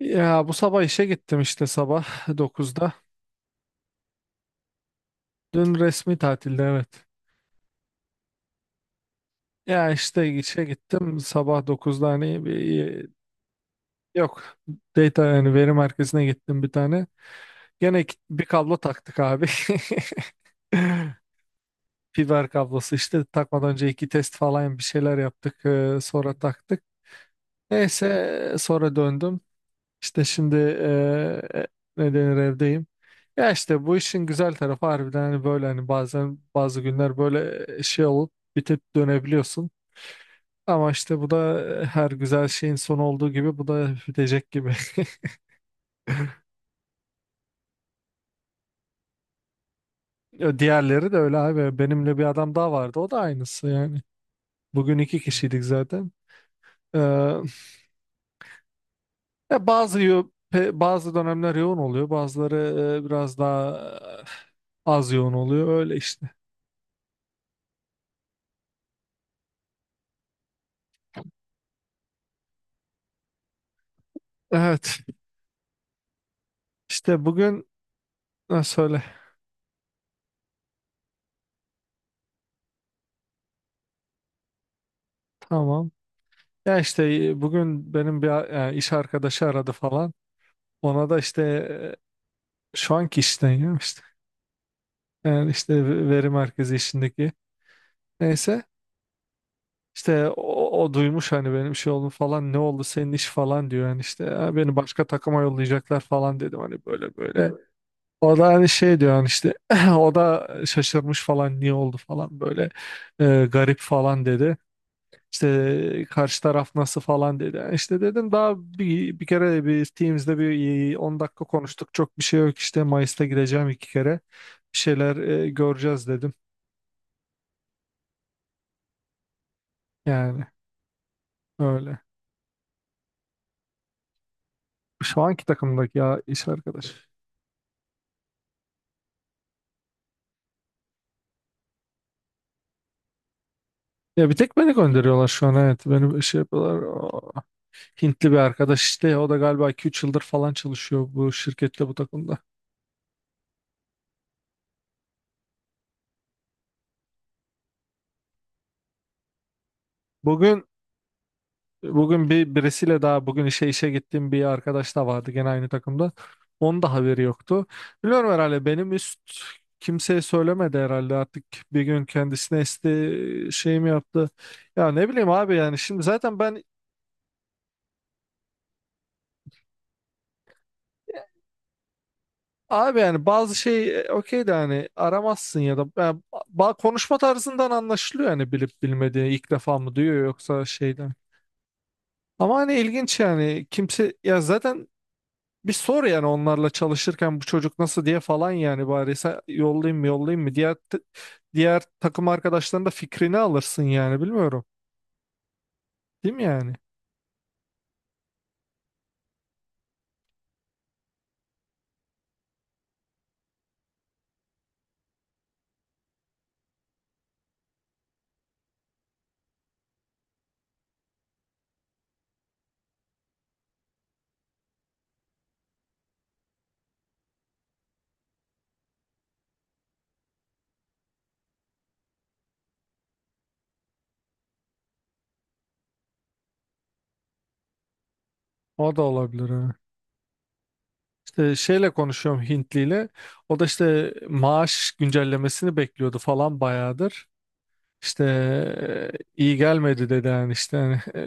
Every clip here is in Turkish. Ya bu sabah işe gittim işte sabah 9'da. Dün resmi tatilde evet. Ya işte işe gittim sabah 9'da hani bir yok data yani veri merkezine gittim bir tane. Gene bir kablo taktık abi. Fiber kablosu işte takmadan önce iki test falan bir şeyler yaptık, sonra taktık. Neyse sonra döndüm. İşte şimdi ne denir evdeyim. Ya işte bu işin güzel tarafı harbiden hani böyle hani bazen bazı günler böyle, şey olup bitip dönebiliyorsun. Ama işte bu da, her güzel şeyin son olduğu gibi bu da bitecek gibi. Ya diğerleri de öyle abi. Benimle bir adam daha vardı. O da aynısı yani. Bugün iki kişiydik zaten. Ee, ya bazı dönemler yoğun oluyor. Bazıları, biraz daha, az yoğun oluyor. Öyle işte. Evet. İşte bugün ha, söyle. Tamam. Ya işte, bugün benim bir, iş arkadaşı aradı falan. Ona da işte şu anki işten ya işte. Yani işte veri merkezi işindeki. Neyse işte o duymuş hani benim şey oldu falan ne oldu senin iş falan diyor. Yani işte "Ya beni başka takıma yollayacaklar falan dedim hani böyle böyle. O da hani şey diyor hani işte o da şaşırmış falan niye oldu falan böyle, garip falan dedi. İşte karşı taraf nasıl falan dedi. Yani İşte dedim daha bir kere bir Teams'de bir, 10 dakika konuştuk. Çok bir şey yok işte Mayıs'ta gideceğim iki kere. Bir şeyler, göreceğiz dedim. Yani öyle. Şu anki takımdaki ya iş arkadaş. Ya bir tek beni gönderiyorlar şu an, evet. Beni şey yapıyorlar. Aa, Hintli bir arkadaş işte. O da galiba iki üç yıldır falan çalışıyor bu şirkette bu takımda. Bugün bir birisiyle daha bugün işe gittiğim bir arkadaş da vardı gene aynı takımda. Onun da haberi yoktu. Biliyorum herhalde benim üst kimseye söylemedi herhalde artık bir gün kendisine esti şey mi yaptı. Ya ne bileyim abi yani şimdi zaten ben abi yani bazı şey, okey de hani aramazsın ya da yani konuşma tarzından anlaşılıyor yani bilip bilmediği ilk defa mı duyuyor yoksa şeyden. Ama hani ilginç yani kimse ya zaten bir sor yani onlarla çalışırken bu çocuk nasıl diye falan yani bari sen yollayayım mı yollayayım mı diğer takım arkadaşlarının da fikrini alırsın yani bilmiyorum. Değil mi yani? O da olabilir ha. İşte şeyle konuşuyorum Hintliyle. O da işte maaş güncellemesini bekliyordu falan bayağıdır. İşte e, iyi gelmedi dedi yani işte hani, e,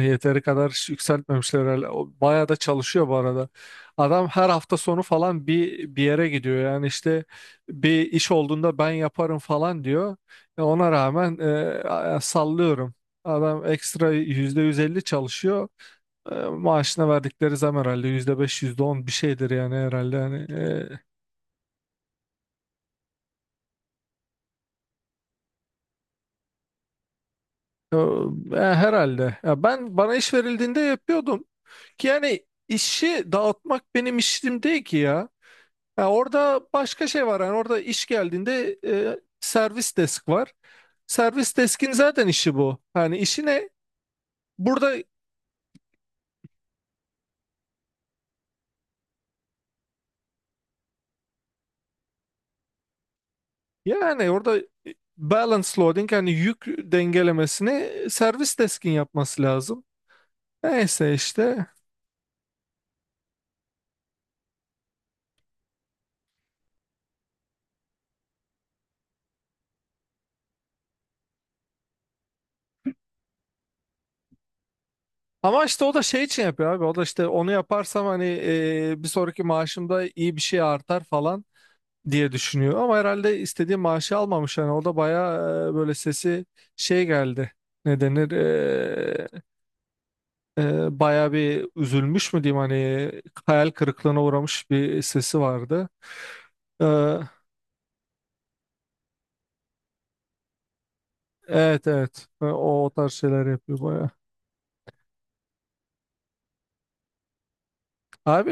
e, yeteri kadar yükseltmemişler herhalde. O bayağı da çalışıyor bu arada. Adam her hafta sonu falan bir yere gidiyor yani işte bir iş olduğunda ben yaparım falan diyor. Ona rağmen sallıyorum. Adam ekstra %150 çalışıyor. Maaşına verdikleri zam herhalde %5 %10 bir şeydir yani herhalde yani. Herhalde. Ya ben bana iş verildiğinde yapıyordum. Yani işi dağıtmak benim işim değil ki ya. Ya orada başka şey var. Yani orada iş geldiğinde, servis desk var. Servis deskin zaten işi bu. Hani işi ne? Burada yani orada balance loading yani yük dengelemesini servis deskin yapması lazım. Neyse işte. Ama işte o da şey için yapıyor abi. O da işte onu yaparsam hani, bir sonraki maaşımda iyi bir şey artar falan Diye düşünüyor. Ama herhalde istediği maaşı almamış. Yani o da bayağı, böyle sesi şey geldi. Ne denir? Bayağı bir üzülmüş mü diyeyim hani hayal kırıklığına uğramış bir sesi vardı. E, evet, evet. O tarz şeyler yapıyor bayağı. Abi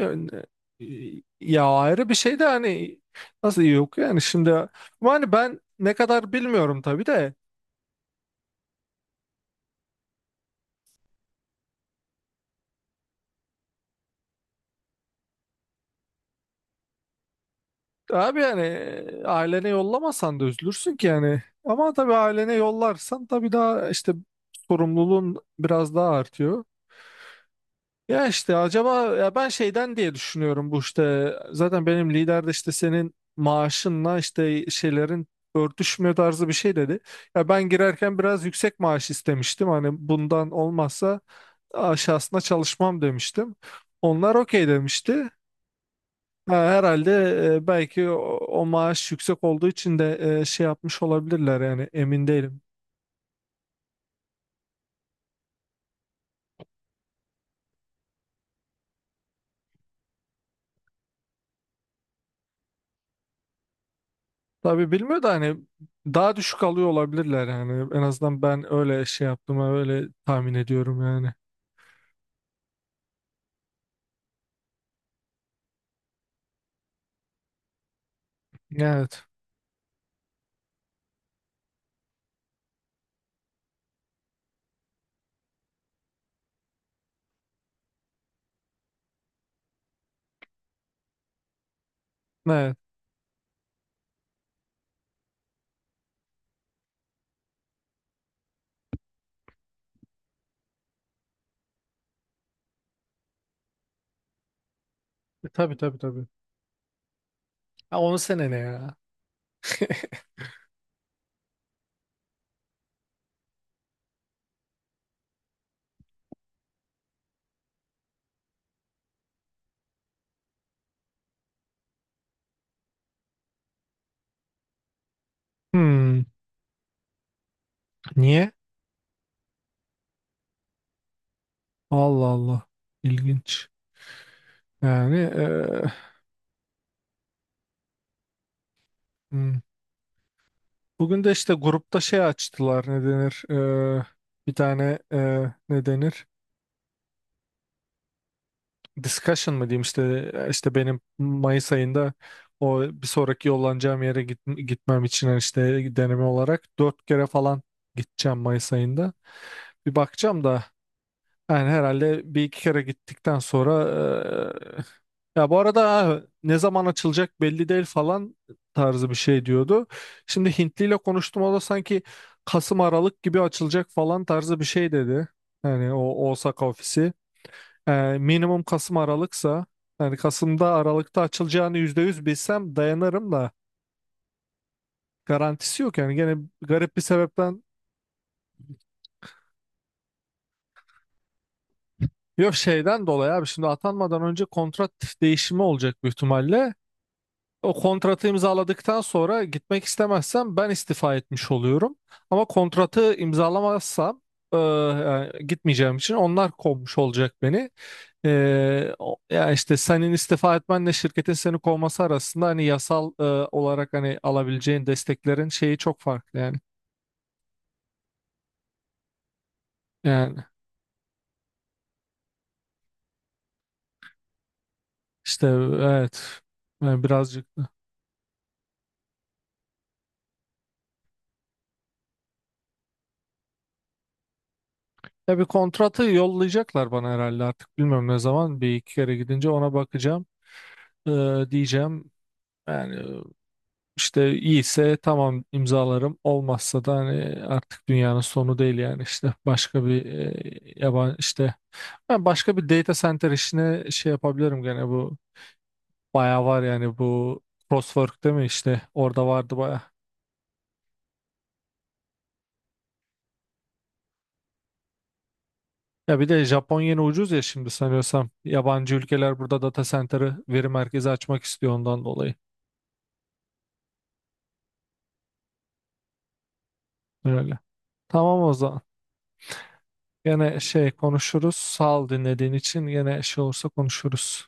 e, ya ayrı bir şey de hani nasıl yok yani şimdi ama hani ben ne kadar bilmiyorum tabii de. Abi yani, ailene yollamasan da üzülürsün ki yani. Ama tabii ailene yollarsan tabii daha işte sorumluluğun biraz daha artıyor. Ya işte acaba ya ben şeyden diye düşünüyorum bu işte zaten benim lider de işte senin maaşınla işte şeylerin örtüşmüyor tarzı bir şey dedi. Ya ben girerken biraz yüksek maaş istemiştim hani bundan olmazsa aşağısına çalışmam demiştim. Onlar okey demişti. Ha, herhalde, belki o maaş yüksek olduğu için de, şey yapmış olabilirler yani emin değilim. Tabii bilmiyor da hani daha düşük alıyor olabilirler yani en azından ben öyle şey yaptım öyle tahmin ediyorum yani. Evet. Evet. Tabii, tabii, tabii. Ha, 10 sene ne ya? Hmm, niye? Allah Allah. İlginç. Yani, hmm. Bugün de işte grupta şey açtılar, ne denir? E, bir tane, ne denir? Discussion mı diyeyim işte benim Mayıs ayında o bir sonraki yollanacağım yere gitmem için hani işte deneme olarak dört kere falan gideceğim Mayıs ayında. Bir bakacağım da yani herhalde bir iki kere gittikten sonra eee, ya bu arada ha, ne zaman açılacak belli değil falan tarzı bir şey diyordu. Şimdi Hintli ile konuştum o da sanki Kasım Aralık gibi açılacak falan tarzı bir şey dedi. Yani o Osaka ofisi. Ee, minimum Kasım Aralık'sa yani Kasım'da Aralık'ta açılacağını %100 bilsem dayanırım da garantisi yok yani gene garip bir sebepten yok şeyden dolayı abi şimdi atanmadan önce kontrat değişimi olacak büyük ihtimalle. O kontratı imzaladıktan sonra gitmek istemezsem ben istifa etmiş oluyorum. Ama kontratı imzalamazsam, yani gitmeyeceğim için onlar kovmuş olacak beni. Yani işte senin istifa etmenle şirketin seni kovması arasında hani yasal, olarak hani alabileceğin desteklerin şeyi çok farklı yani. Yani işte evet yani birazcık da. Ya bir kontratı yollayacaklar bana herhalde artık bilmiyorum, ne zaman bir iki kere gidince ona bakacağım, E, diyeceğim. Yani İşte iyiyse tamam imzalarım. Olmazsa da hani artık dünyanın sonu değil yani işte başka bir, yaban işte ben başka bir data center işine şey yapabilirim gene bu bayağı var yani bu Crosswork değil mi işte orada vardı bayağı. Ya bir de Japon yeni ucuz ya şimdi sanıyorsam yabancı ülkeler burada data center'ı veri merkezi açmak istiyor ondan dolayı. Öyle. Tamam o zaman. Gene şey konuşuruz. Sağ ol dinlediğin için. Gene şey olursa konuşuruz.